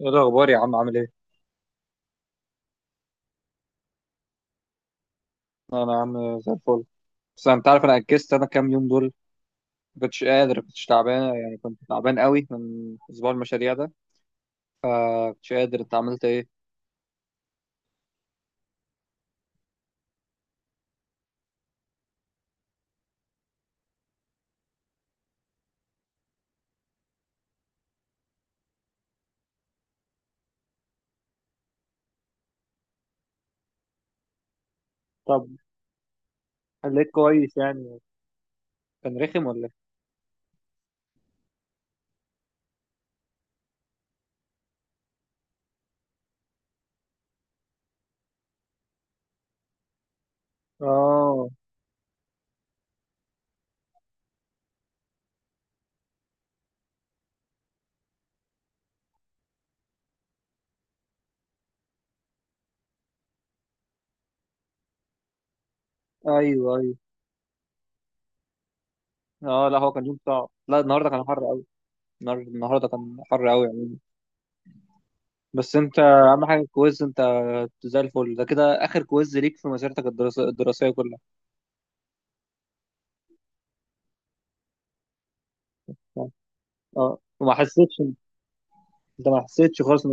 ايه الاخبار يا عم عامل ايه؟ انا يا عم زي الفل. بس انت عارف انا اجزت انا كام يوم دول، ما كنتش قادر، كنتش تعبان يعني، كنت تعبان قوي من اسبوع المشاريع ده. فما كنتش قادر. انت عملت ايه؟ طب خليك كويس يعني. كان رخم ولا ايه؟ اه ايوه ايوه. اه لا هو كان يوم صعب، لا النهارده كان حر قوي. النهارده كان حر قوي يعني. بس انت اهم حاجه الكويز، انت زي الفل، ده كده اخر كويز ليك في مسيرتك الدراسيه الدراسيه كلها. اه وما حسيتش؟ انت ما حسيتش خالص ان...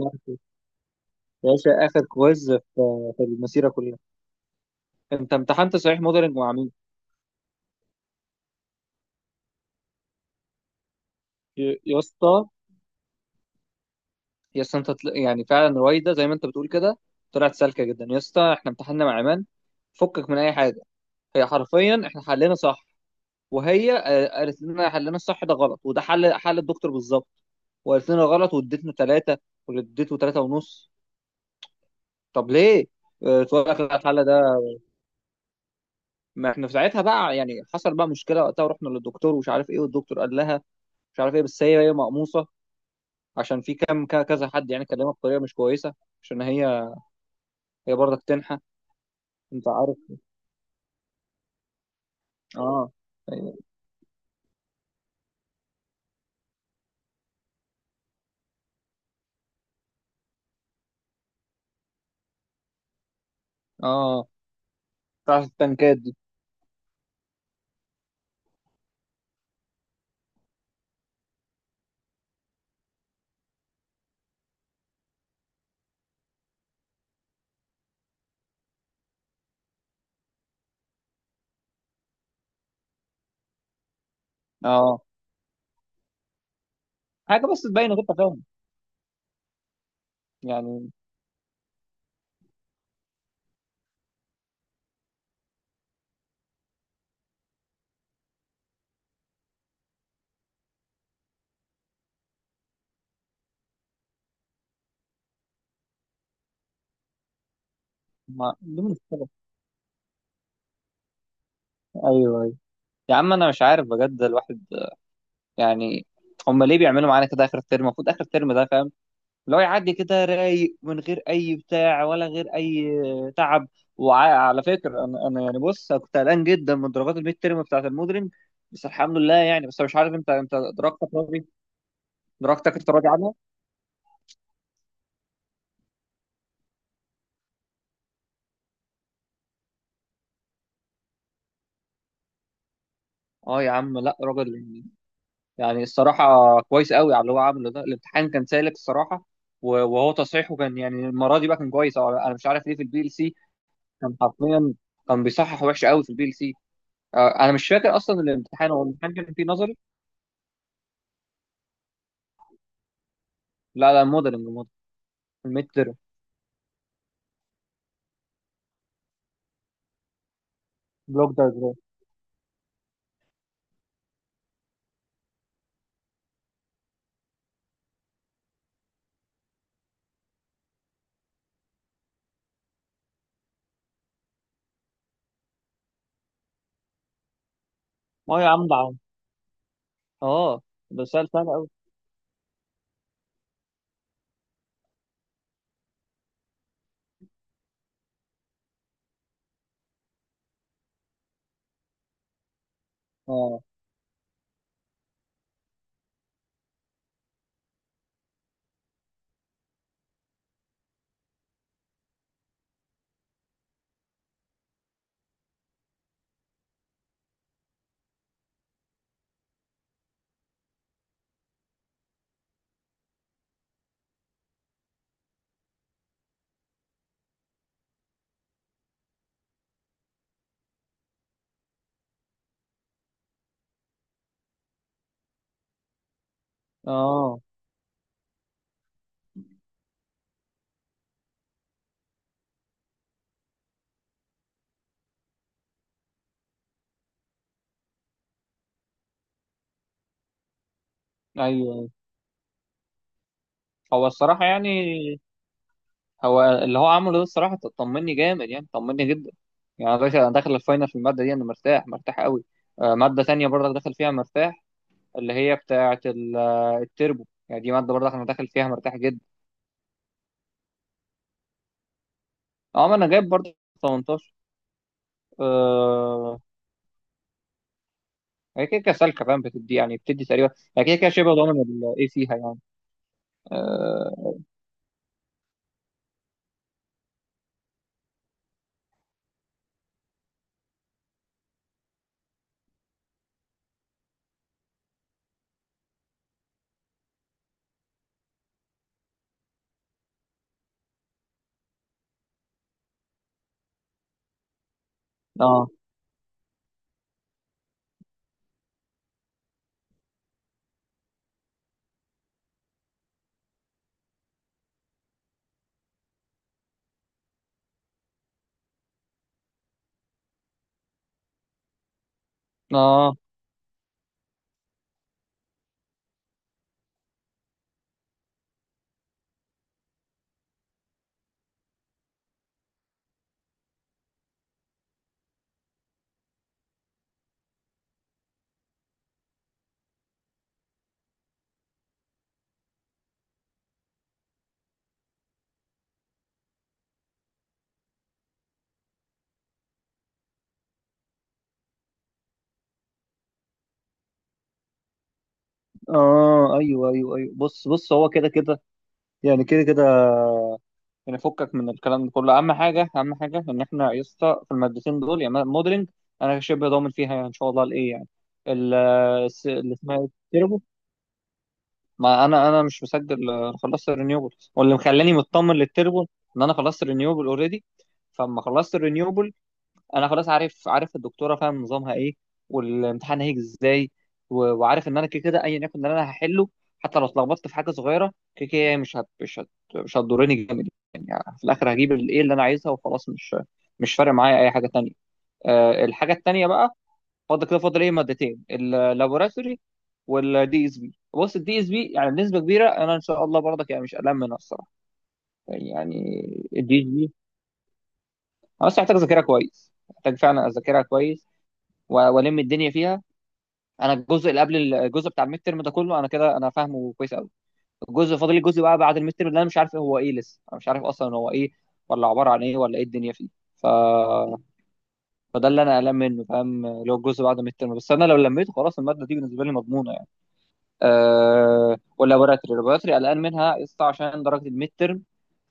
يا باشا اخر كويز في المسيره كلها. انت امتحنت صحيح موديلنج مع مين؟ يا اسطى، يا اسطى انت يعني فعلا رويده زي ما انت بتقول كده، طلعت سالكه جدا يا اسطى. احنا امتحنا مع ايمان، فكك من اي حاجه. هي حرفيا احنا حلينا صح، وهي قالت لنا حلنا الصح ده غلط، وده حل الدكتور بالظبط. وقالت لنا غلط واديتنا 3، واللي اديته 3.5. طب ليه؟ تقول لك لا، الحل ده... ما احنا في ساعتها بقى يعني حصل بقى مشكله وقتها ورحنا للدكتور ومش عارف ايه، والدكتور قال لها مش عارف ايه. بس هي مقموصه عشان في كام كذا حد يعني كلمها بطريقه مش كويسه، عشان هي برضك تنحى. انت عارف. اه اه. بتاعت التنكات دي. اه، حاجه بس تبين غير تفاهم يعني. ما دي مشكله. ايوه ايوه. يا عم انا مش عارف بجد الواحد يعني. هم ليه بيعملوا معانا كده اخر الترم؟ المفروض اخر الترم ده فاهم، اللي هو يعدي كده رايق من غير اي بتاع ولا غير اي تعب. وعلى فكره انا يعني بص، أنا كنت قلقان جدا من درجات الميد تيرم بتاعت المودرن، بس الحمد لله يعني. بس أنا مش عارف انت درجتك راضي؟ درجتك انت راضي عنها؟ اه يا عم لا، راجل يعني، يعني الصراحه كويس قوي على اللي هو عامله، ده الامتحان كان سالك الصراحه. وهو تصحيحه كان يعني المره دي بقى كان كويس، أو انا مش عارف ليه في البي ال سي كان حرفيا كان بيصحح وحش قوي في البي ال سي. انا مش فاكر اصلا الامتحان، هو الامتحان كان فيه نظري؟ لا لا، مودرنج، الميد ترم، بلوك دايجرام. ما يا عم ده عم. اه بس هي سهله قوي. اه اه ايوه. هو الصراحه يعني، هو اللي هو عمله ده الصراحه طمني جامد يعني، طمني جدا. يعني يا باشا انا داخل الفاينل في الماده دي انا مرتاح، مرتاح قوي. ماده تانية برضك داخل فيها مرتاح، اللي هي بتاعه التربو، يعني دي ماده برضك انا داخل فيها مرتاح جدا. اه ما انا جايب برضك 18. آه، هي كده كده سالكه، فاهم، بتدي يعني، بتدي تقريبا. هي كده كده شبه ضامن الايه فيها يعني. اه. آه. اه اه ايوه ايوه ايوه، بص بص، هو كده كده يعني، كده كده يعني. فكك من الكلام ده كله، اهم حاجه، اهم حاجه ان احنا يا اسطى في المادتين دول، يعني موديلنج انا شبه ضامن فيها، يعني ان شاء الله الايه يعني. ال- اللي اسمها إيه؟ التربو. ما انا مش مسجل. خلصت الرينيوبل، واللي مخلاني مطمن للتربو ان انا خلصت الرينيوبل اوريدي. فلما خلصت الرينيوبل انا خلاص عارف، عارف الدكتوره فاهم نظامها ايه والامتحان هيجي ازاي. وعارف ان انا كده كده ايا يكن اللي انا هحله، حتى لو اتلخبطت في حاجه صغيره كده كده هي مش هتضرني جامد يعني. في الاخر هجيب الايه اللي انا عايزها وخلاص، مش فارق معايا اي حاجه تانية. الحاجه التانية بقى، فاضل كده، فاضل ايه؟ مادتين، اللابوراتوري والدي اس بي. بص الدي اس بي يعني بنسبه كبيره انا ان شاء الله برضك يعني مش قلقان منها الصراحه، يعني. الدي اس بي انا بس محتاج اذاكرها كويس، محتاج فعلا اذاكرها كويس، والم الدنيا فيها. انا الجزء اللي قبل الجزء بتاع الميد ترم ده كله انا كده انا فاهمه كويس قوي. الجزء فاضل لي الجزء بقى بعد الميد ترم اللي انا مش عارف هو ايه، لسه انا مش عارف اصلا هو ايه، ولا عباره عن ايه، ولا ايه الدنيا فيه. ف... فده اللي انا قلقان منه، فاهم، اللي هو الجزء بعد الميد ترم. بس انا لو لميته خلاص الماده دي بالنسبه لي مضمونه يعني. واللابوراتري، اللابوراتري قلقان منها يسطا عشان درجه الميد ترم،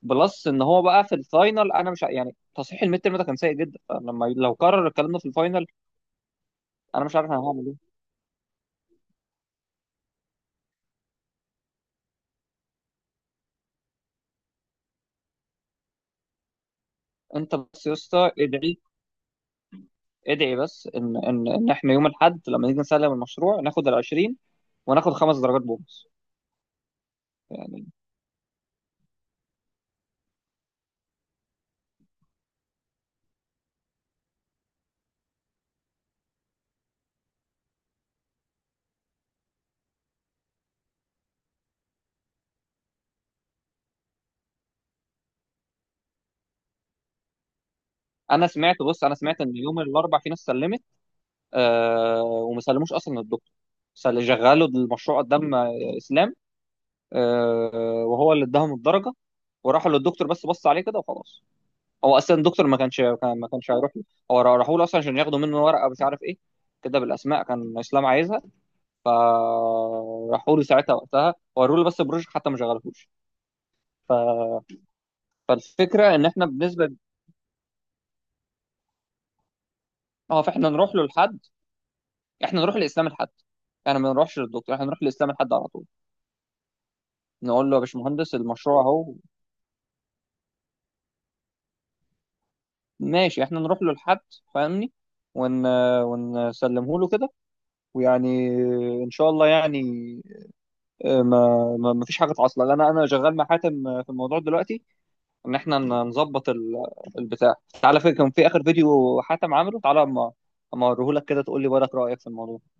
بلس ان هو بقى في الفاينل انا مش يعني تصحيح الميد ترم ده كان سيء جدا، فلما لو كرر الكلام ده في الفاينل انا مش عارف انا هعمل ايه. انت بس يا اسطى ادعي، ادعي بس ان احنا يوم الاحد لما نيجي نسلم المشروع ناخد ال 20 وناخد 5 درجات بونص يعني. انا سمعت، بص انا سمعت ان يوم الاربع في ناس سلمت، وما سلموش اصلا الدكتور، شغلوا المشروع قدام اسلام، وهو اللي اداهم الدرجه وراحوا للدكتور بس بص عليه كده وخلاص. هو اصلا الدكتور ما كانش ما كانش هيروح له، هو راحوا له اصلا عشان ياخدوا منه ورقه مش عارف ايه كده بالاسماء كان اسلام عايزها. فراحوا له ساعتها وقتها وروه له، بس البروجكت حتى ما شغلهوش. فالفكره ان احنا بنسبه... اه فاحنا نروح له لحد، احنا نروح لاسلام الحد، احنا ما نروحش للدكتور، احنا نروح لاسلام الحد على طول، نقول له يا باشمهندس المشروع اهو. ماشي، احنا نروح له لحد، فاهمني، ون... ونسلمه له كده، ويعني ان شاء الله يعني. ما فيش حاجه تعصل، لأن انا شغال مع حاتم في الموضوع دلوقتي، ان احنا نظبط البتاع. تعالى في كان في اخر فيديو حاتم عامله، تعالى اما اوريه لك كده تقول لي بالك رايك في الموضوع.